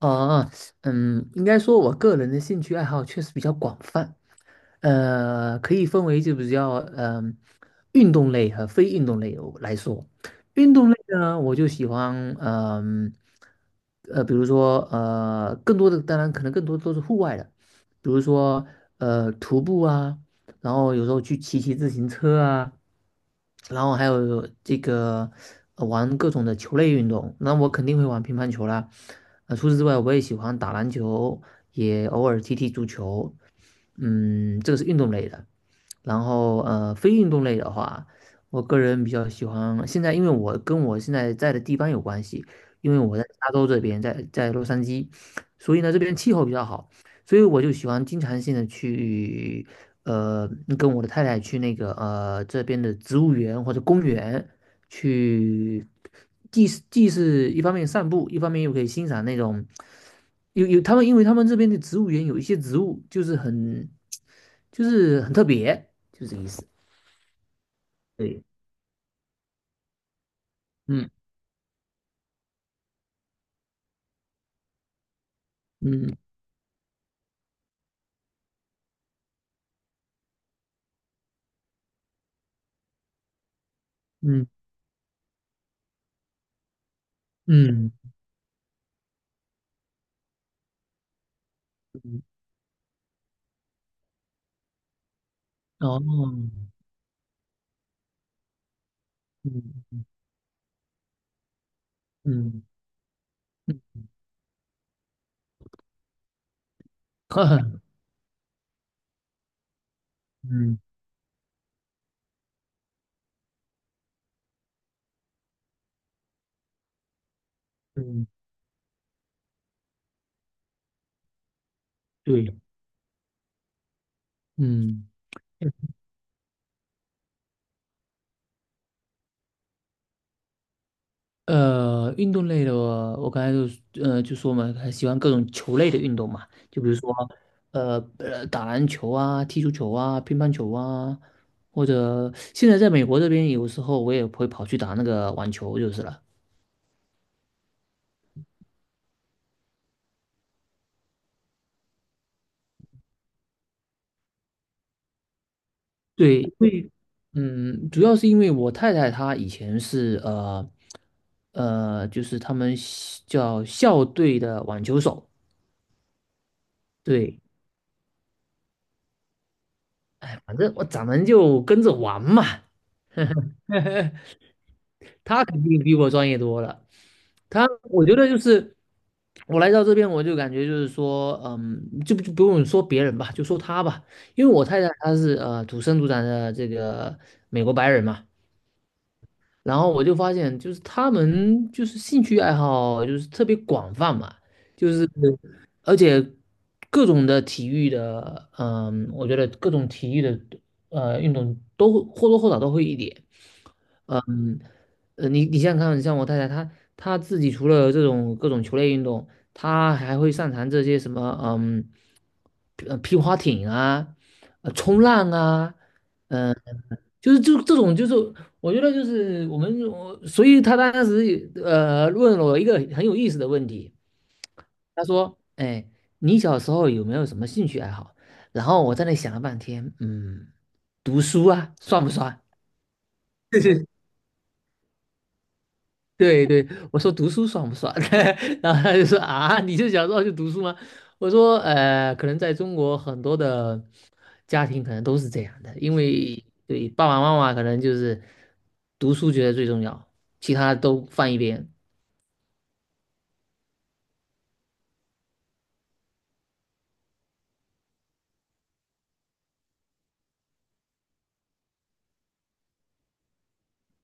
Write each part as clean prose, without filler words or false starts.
哦，应该说，我个人的兴趣爱好确实比较广泛，可以分为就比较运动类和非运动类有来说。运动类呢，我就喜欢，嗯比如说，更多的当然可能更多都是户外的，比如说徒步啊，然后有时候去骑骑自行车啊，然后还有这个玩各种的球类运动，那我肯定会玩乒乓球啦。除此之外，我也喜欢打篮球，也偶尔踢踢足球。这个是运动类的。然后非运动类的话，我个人比较喜欢现在，因为我跟我现在在的地方有关系，因为我在加州这边，在洛杉矶，所以呢这边气候比较好。所以我就喜欢经常性的去，呃，跟我的太太去那个这边的植物园或者公园去，既是一方面散步，一方面又可以欣赏那种。有有他们，因为他们这边的植物园有一些植物就是很特别，就是这个意思。对，嗯嗯嗯嗯，嗯哦，嗯嗯嗯，嗯，嗯，对，嗯。运动类的我，刚才就说嘛，很喜欢各种球类的运动嘛，就比如说打篮球啊、踢足球啊、乒乓球啊，或者现在在美国这边，有时候我也会跑去打那个网球就是了。对，因为主要是因为我太太她以前是，就是他们西叫校队的网球手，对，反正我咱们就跟着玩嘛，她肯定比我专业多了。他，我觉得就是我来到这边，我就感觉就是说，就不用说别人吧，就说他吧，因为我太太她是土生土长的这个美国白人嘛，然后我就发现就是他们就是兴趣爱好就是特别广泛嘛，就是而且各种的体育的，我觉得各种体育的运动都或多或少都会一点，嗯。你想想看，像我太太，她自己除了这种各种球类运动，她还会擅长这些什么，皮划艇啊，冲浪啊，嗯、就是这种，就是我觉得就是我们，我所以她当时也问了我一个很有意思的问题。她说，哎，你小时候有没有什么兴趣爱好？然后我在那想了半天，读书啊，算不算？对对，我说读书爽不爽？然后他就说啊，你就小时候就读书吗？我说可能在中国很多的家庭可能都是这样的，因为对爸爸妈妈可能就是读书觉得最重要，其他都放一边。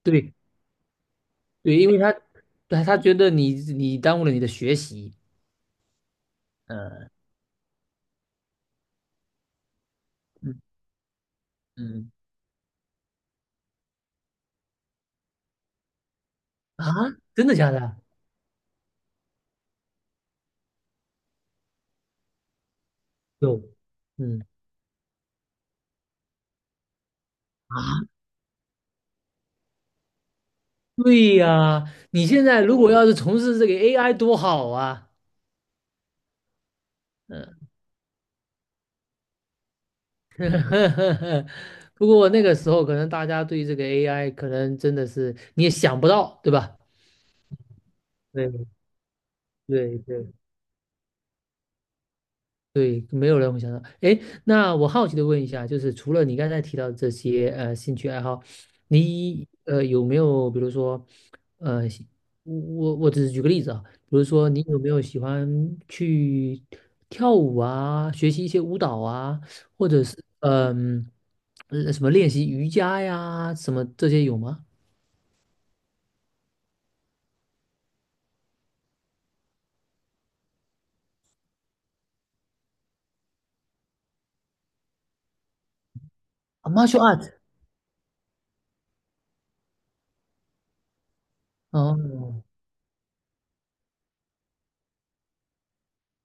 对对，因为他对他觉得你耽误了你的学习。呃嗯嗯啊，真的假的？有嗯，啊对呀，你现在如果要是从事这个 AI 多好啊！嗯。不过那个时候可能大家对这个 AI 可能真的是你也想不到，对吧？对对对对，没有人会想到。哎，那我好奇的问一下，就是除了你刚才提到这些兴趣爱好，你有没有比如说，呃，喜我只是举个例子啊，比如说你有没有喜欢去跳舞啊，学习一些舞蹈啊，或者是什么练习瑜伽呀，什么这些有吗？啊，martial art。哦，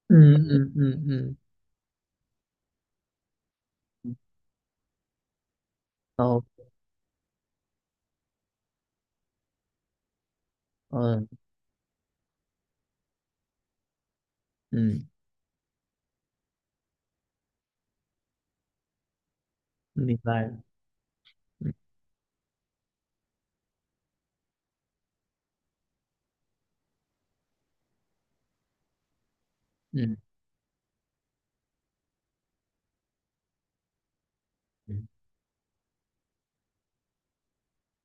嗯嗯嗯嗯，哦，嗯嗯，明白了，嗯嗯。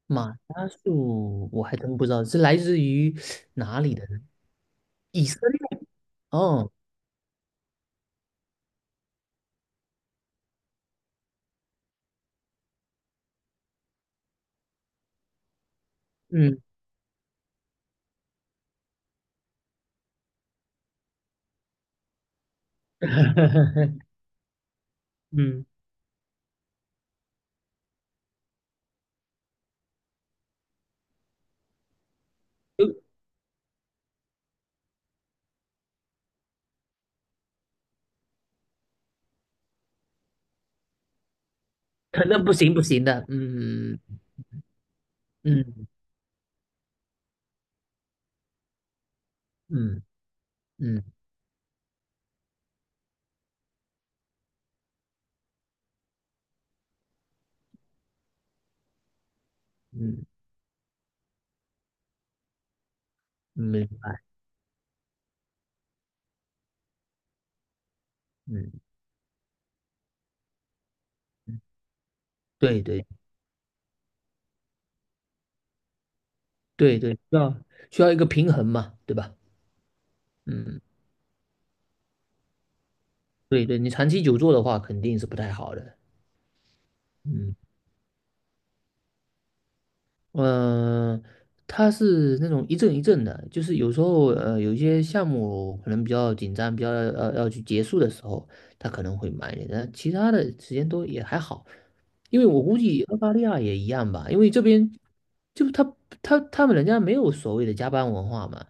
马铃术我还真不知道是来自于哪里的呢？以色列哦，嗯 嗯，有可能不行不行的，嗯嗯嗯嗯嗯，嗯明白，嗯，嗯对对对对，需要一个平衡嘛，对吧？嗯，对对，你长期久坐的话肯定是不太好的，嗯。嗯、他是那种一阵一阵的，就是有时候有一些项目可能比较紧张，比较要去结束的时候，他可能会慢一点，但其他的时间都也还好。因为我估计澳大利亚也一样吧，因为这边就他他他们人家没有所谓的加班文化嘛。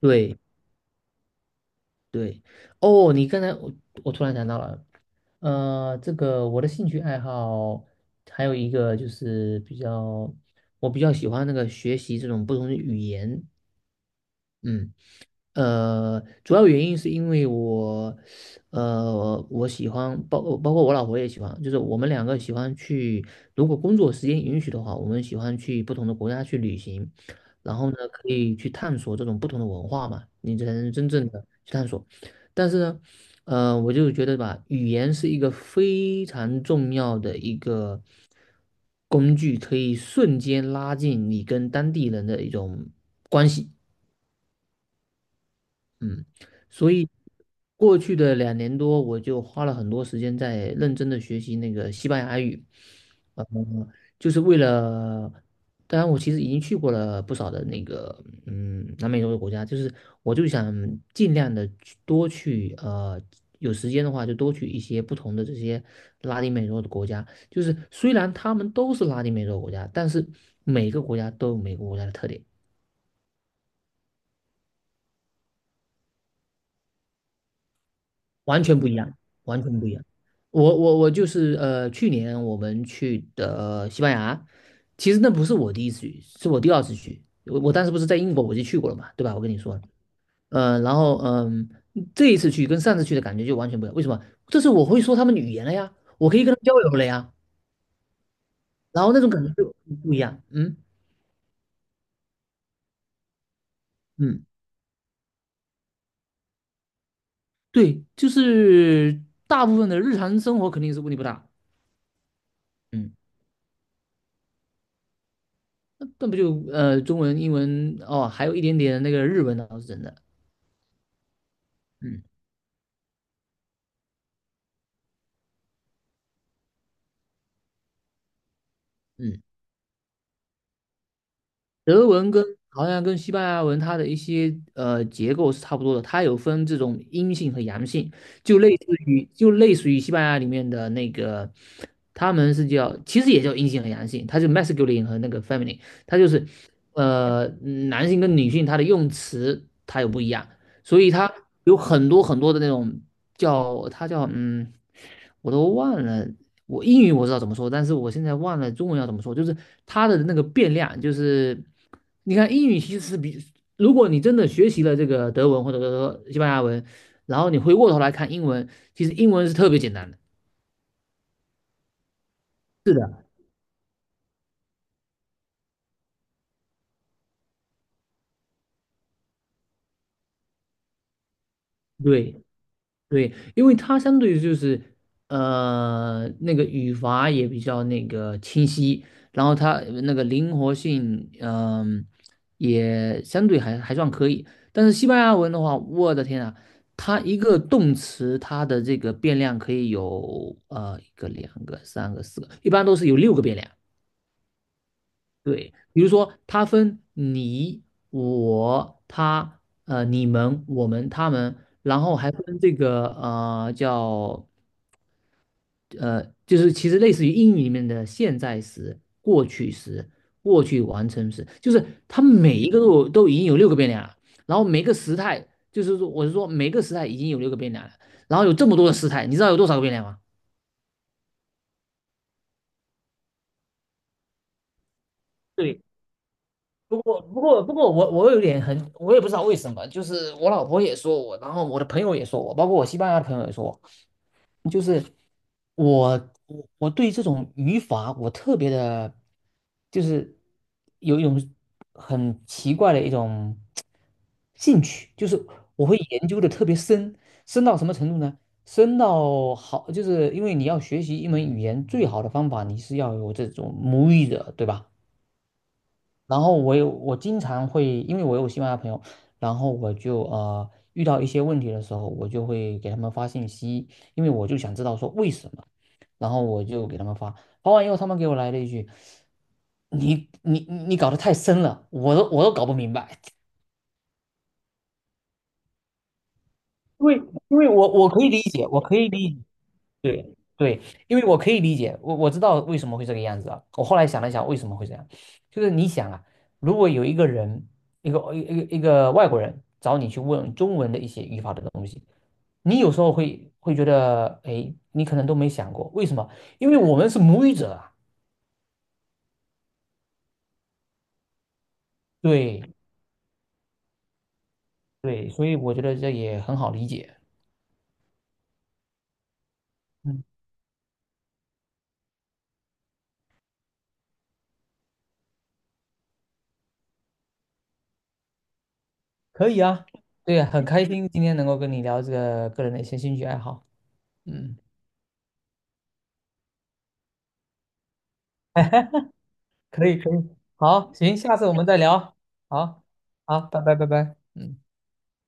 对对，哦，你刚才我突然想到了，这个我的兴趣爱好还有一个就是比较，我比较喜欢那个学习这种不同的语言，嗯，主要原因是因为我，我喜欢包括我老婆也喜欢，就是我们两个喜欢去，如果工作时间允许的话，我们喜欢去不同的国家去旅行，然后呢，可以去探索这种不同的文化嘛，你才能真正的去探索。但是呢，我就觉得吧，语言是一个非常重要的一个工具，可以瞬间拉近你跟当地人的一种。嗯，所以过去的2年多，我就花了很多时间在认真的学习那个西班牙语，呃，就是为了，当然我其实已经去过了不少的那个，南美洲的国家，就是我就想尽量的多去，有时间的话就多去一些不同的这些拉丁美洲的国家。就是虽然他们都是拉丁美洲国家，但是每个国家都有每个国家的特点。完全不一样，完全不一样。我就是去年我们去的西班牙，其实那不是我第一次去，是我第二次去。我当时不是在英国我就去过了嘛，对吧？我跟你说了。然后这一次去跟上次去的感觉就完全不一样。为什么？这是我会说他们的语言了呀，我可以跟他交流了呀，然后那种感觉就不一样。嗯嗯，对，就是大部分的日常生活肯定是问题不大。嗯。那不就中文、英文哦，还有一点点那个日文倒是真的。嗯嗯，德文跟好像跟西班牙文它的一些结构是差不多的，它有分这种阴性和阳性，就类似于西班牙里面的那个，他们是叫其实也叫阴性和阳性，它就 masculine 和那个 feminine，它就是呃男性跟女性它的用词它有不一样，所以它有很多很多的那种叫我都忘了，我英语我知道怎么说，但是我现在忘了中文要怎么说。就是它的那个变量，就是你看英语其实是比，如果你真的学习了这个德文或者说西班牙文，然后你回过头来看英文，其实英文是特别简单的。是的，对，对，因为它相对于就是，那个语法也比较那个清晰，然后它那个灵活性，也相对还算可以。但是西班牙文的话，我的天啊，它一个动词，它的这个变量可以有1个、2个、3个、4个，一般都是有六个变量。对，比如说它分你、我、他、你们、我们、他们，然后还分这个呃叫呃，就是其实类似于英语里面的现在时、过去时、过去完成时，就是它每一个都都已经有六个变量了，然后每个时态就是说我是说每个时态已经有六个变量了，然后有这么多的时态，你知道有多少个变量吗？对，不过我有点很，我也不知道为什么。就是我老婆也说我，然后我的朋友也说我，包括我西班牙的朋友也说我，就是我，我对这种语法我特别的，就是有一种很奇怪的一种兴趣，就是我会研究的特别深，深到什么程度呢？深到好，就是因为你要学习一门语言，最好的方法你是要有这种母语者，对吧？然后我经常会，因为我有西班牙朋友，然后我就遇到一些问题的时候，我就会给他们发信息，因为我就想知道说为什么，然后我就给他们发，发完以后他们给我来了一句：“你你搞得太深了，我都搞不明白。”因为因为我可以理解，我可以理解，对对，因为我可以理解，我知道为什么会这个样子啊。我后来想了想，为什么会这样，就是你想啊，如果有一个人，一个外国人找你去问中文的一些语法的东西，你有时候会觉得，哎，你可能都没想过，为什么？因为我们是母语者啊。对对，所以我觉得这也很好理解。嗯，可以啊，对啊，很开心今天能够跟你聊这个个人的一些兴趣爱好。嗯。可以可以，好，行，下次我们再聊，好，好，拜拜拜拜，嗯。